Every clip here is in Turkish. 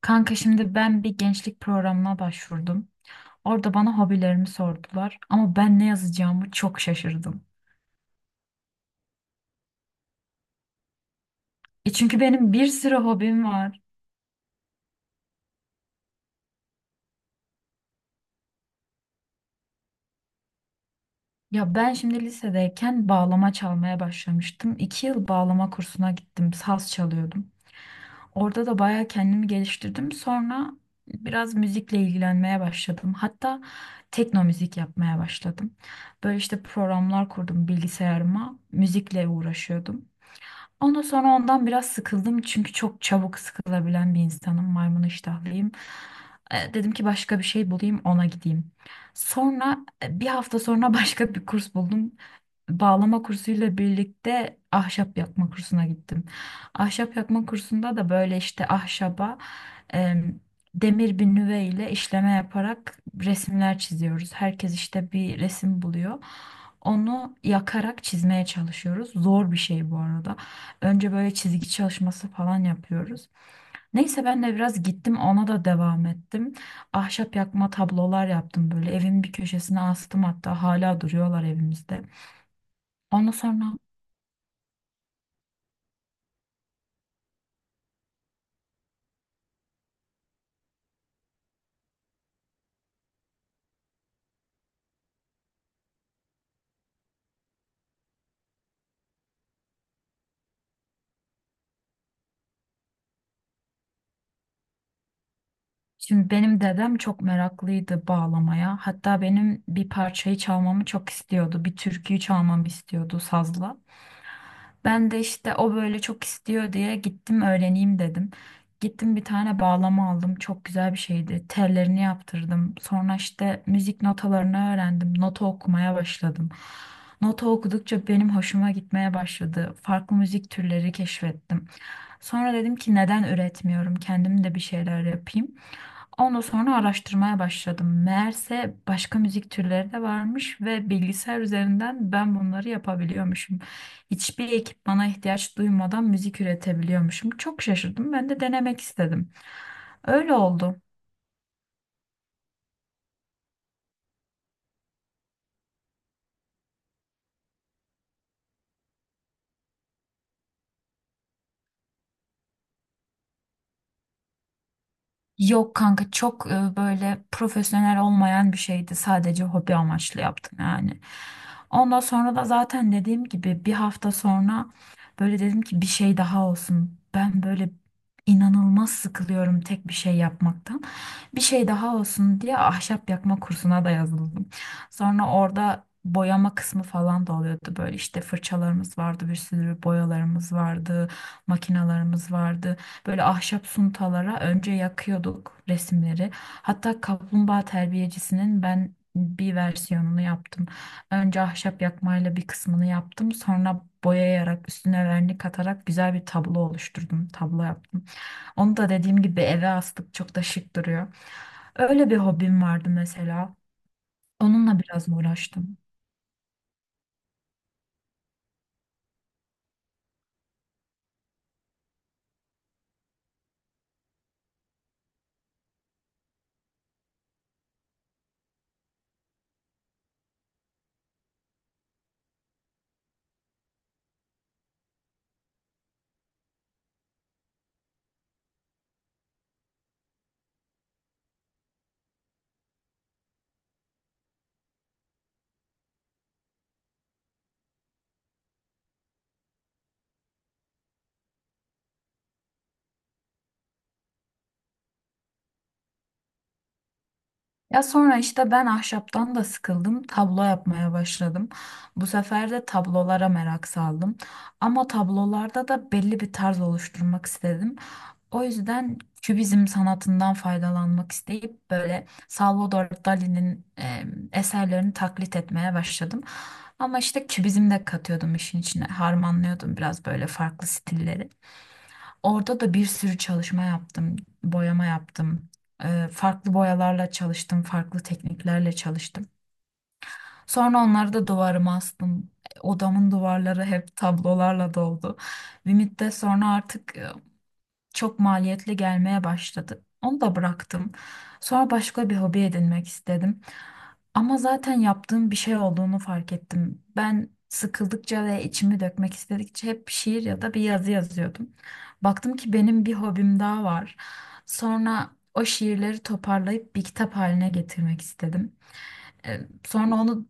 Kanka şimdi ben bir gençlik programına başvurdum. Orada bana hobilerimi sordular ama ben ne yazacağımı çok şaşırdım. E çünkü benim bir sürü hobim var. Ya ben şimdi lisedeyken bağlama çalmaya başlamıştım. İki yıl bağlama kursuna gittim, saz çalıyordum. Orada da bayağı kendimi geliştirdim. Sonra biraz müzikle ilgilenmeye başladım. Hatta tekno müzik yapmaya başladım. Böyle işte programlar kurdum bilgisayarıma, müzikle uğraşıyordum. Ondan sonra ondan biraz sıkıldım çünkü çok çabuk sıkılabilen bir insanım. Maymun iştahlıyım. E, dedim ki başka bir şey bulayım ona gideyim. Sonra bir hafta sonra başka bir kurs buldum, bağlama kursuyla birlikte ahşap yakma kursuna gittim. Ahşap yakma kursunda da böyle işte ahşaba, em, demir bir nüve ile işleme yaparak resimler çiziyoruz. Herkes işte bir resim buluyor. Onu yakarak çizmeye çalışıyoruz. Zor bir şey bu arada. Önce böyle çizgi çalışması falan yapıyoruz. Neyse ben de biraz gittim ona da devam ettim. Ahşap yakma tablolar yaptım böyle. Evimin bir köşesine astım, hatta hala duruyorlar evimizde. Ondan sonra şimdi benim dedem çok meraklıydı bağlamaya. Hatta benim bir parçayı çalmamı çok istiyordu. Bir türküyü çalmamı istiyordu sazla. Ben de işte o böyle çok istiyor diye gittim öğreneyim dedim. Gittim bir tane bağlama aldım. Çok güzel bir şeydi. Tellerini yaptırdım. Sonra işte müzik notalarını öğrendim. Nota okumaya başladım. Nota okudukça benim hoşuma gitmeye başladı. Farklı müzik türleri keşfettim. Sonra dedim ki neden üretmiyorum? Kendim de bir şeyler yapayım. Ondan sonra araştırmaya başladım. Meğerse başka müzik türleri de varmış ve bilgisayar üzerinden ben bunları yapabiliyormuşum. Hiçbir ekipmana ihtiyaç duymadan müzik üretebiliyormuşum. Çok şaşırdım. Ben de denemek istedim. Öyle oldu. Yok kanka, çok böyle profesyonel olmayan bir şeydi. Sadece hobi amaçlı yaptım yani. Ondan sonra da zaten dediğim gibi bir hafta sonra böyle dedim ki bir şey daha olsun. Ben böyle inanılmaz sıkılıyorum tek bir şey yapmaktan. Bir şey daha olsun diye ahşap yakma kursuna da yazıldım. Sonra orada boyama kısmı falan da oluyordu. Böyle işte fırçalarımız vardı, bir sürü boyalarımız vardı, makinalarımız vardı. Böyle ahşap suntalara önce yakıyorduk resimleri. Hatta kaplumbağa terbiyecisinin ben bir versiyonunu yaptım. Önce ahşap yakmayla bir kısmını yaptım. Sonra boyayarak üstüne vernik atarak güzel bir tablo oluşturdum. Tablo yaptım. Onu da dediğim gibi eve astık, çok da şık duruyor. Öyle bir hobim vardı mesela. Onunla biraz uğraştım. Ya sonra işte ben ahşaptan da sıkıldım, tablo yapmaya başladım. Bu sefer de tablolara merak saldım. Ama tablolarda da belli bir tarz oluşturmak istedim. O yüzden kübizm sanatından faydalanmak isteyip böyle Salvador Dali'nin eserlerini taklit etmeye başladım. Ama işte kübizm de katıyordum işin içine, harmanlıyordum biraz böyle farklı stilleri. Orada da bir sürü çalışma yaptım, boyama yaptım. Farklı boyalarla çalıştım, farklı tekniklerle çalıştım. Sonra onları da duvarıma astım. Odamın duvarları hep tablolarla doldu. Bir müddet sonra artık çok maliyetli gelmeye başladı. Onu da bıraktım. Sonra başka bir hobi edinmek istedim. Ama zaten yaptığım bir şey olduğunu fark ettim. Ben sıkıldıkça ve içimi dökmek istedikçe hep şiir ya da bir yazı yazıyordum. Baktım ki benim bir hobim daha var. Sonra o şiirleri toparlayıp bir kitap haline getirmek istedim. Sonra onu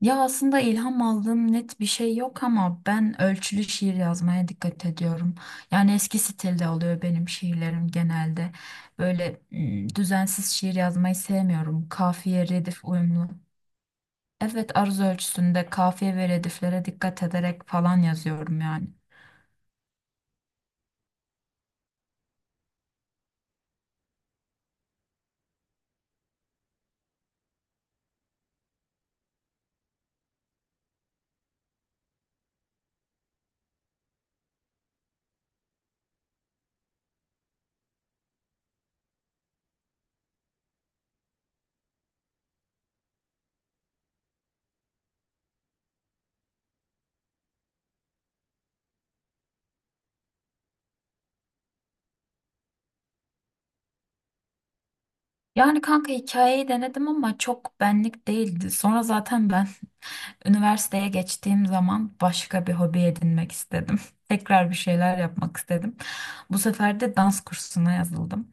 Ya aslında ilham aldığım net bir şey yok ama ben ölçülü şiir yazmaya dikkat ediyorum. Yani eski stilde oluyor benim şiirlerim genelde. Böyle düzensiz şiir yazmayı sevmiyorum. Kafiye, redif uyumlu. Evet, aruz ölçüsünde kafiye ve rediflere dikkat ederek falan yazıyorum yani. Yani kanka, hikayeyi denedim ama çok benlik değildi. Sonra zaten ben üniversiteye geçtiğim zaman başka bir hobi edinmek istedim. Tekrar bir şeyler yapmak istedim. Bu sefer de dans kursuna yazıldım.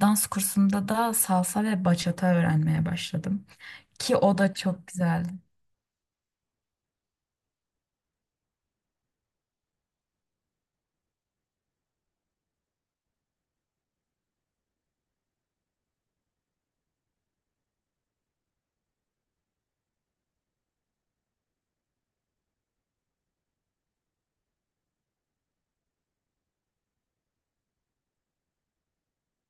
Dans kursunda da salsa ve bachata öğrenmeye başladım. Ki o da çok güzeldi.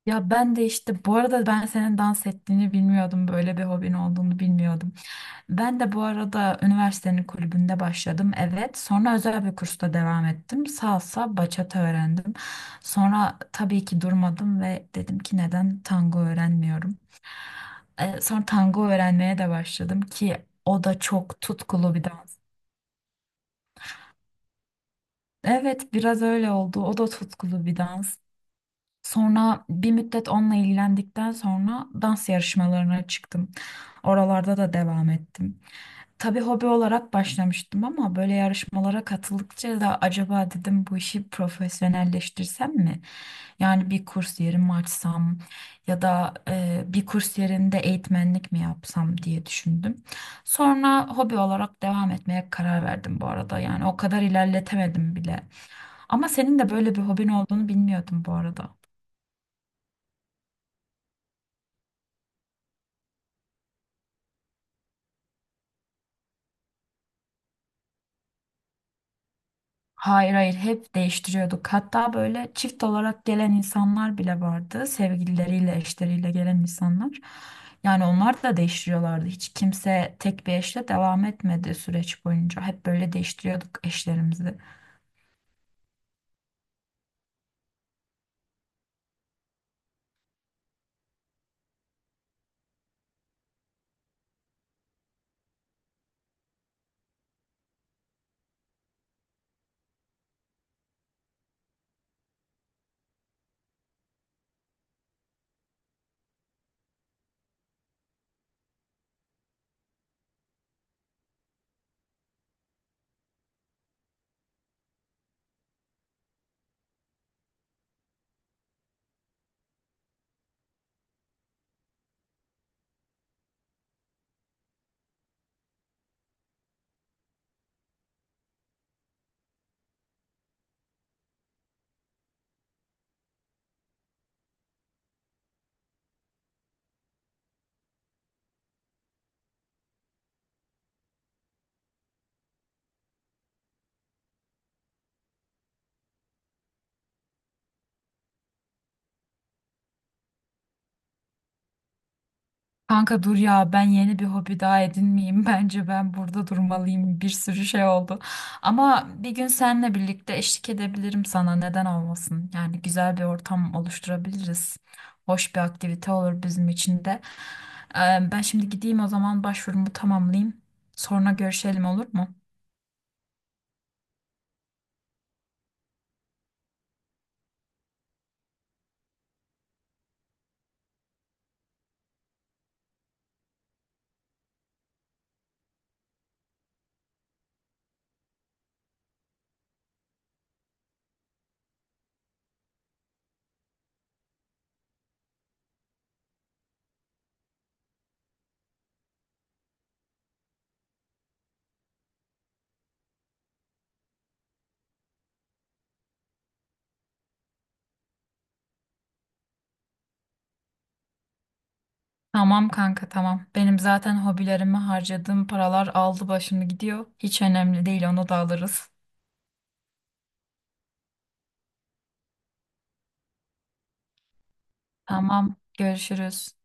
Ya ben de işte bu arada ben senin dans ettiğini bilmiyordum. Böyle bir hobin olduğunu bilmiyordum. Ben de bu arada üniversitenin kulübünde başladım. Evet. Sonra özel bir kursta devam ettim. Salsa, bachata öğrendim. Sonra tabii ki durmadım ve dedim ki neden tango öğrenmiyorum. Sonra tango öğrenmeye de başladım ki o da çok tutkulu bir dans. Evet, biraz öyle oldu. O da tutkulu bir dans. Sonra bir müddet onunla ilgilendikten sonra dans yarışmalarına çıktım. Oralarda da devam ettim. Tabii hobi olarak başlamıştım ama böyle yarışmalara katıldıkça da acaba dedim, bu işi profesyonelleştirsem mi? Yani bir kurs yeri mi açsam ya da bir kurs yerinde eğitmenlik mi yapsam diye düşündüm. Sonra hobi olarak devam etmeye karar verdim bu arada. Yani o kadar ilerletemedim bile. Ama senin de böyle bir hobin olduğunu bilmiyordum bu arada. Hayır, hayır, hep değiştiriyorduk. Hatta böyle çift olarak gelen insanlar bile vardı. Sevgilileriyle, eşleriyle gelen insanlar. Yani onlar da değiştiriyorlardı. Hiç kimse tek bir eşle devam etmedi süreç boyunca. Hep böyle değiştiriyorduk eşlerimizi. Kanka dur ya, ben yeni bir hobi daha edinmeyeyim. Bence ben burada durmalıyım. Bir sürü şey oldu. Ama bir gün seninle birlikte eşlik edebilirim sana. Neden olmasın? Yani güzel bir ortam oluşturabiliriz. Hoş bir aktivite olur bizim için de. Ee, Ben şimdi gideyim o zaman başvurumu tamamlayayım. Sonra görüşelim, olur mu? Tamam kanka, tamam. Benim zaten hobilerime harcadığım paralar aldı başını gidiyor. Hiç önemli değil, onu da alırız. Tamam, görüşürüz.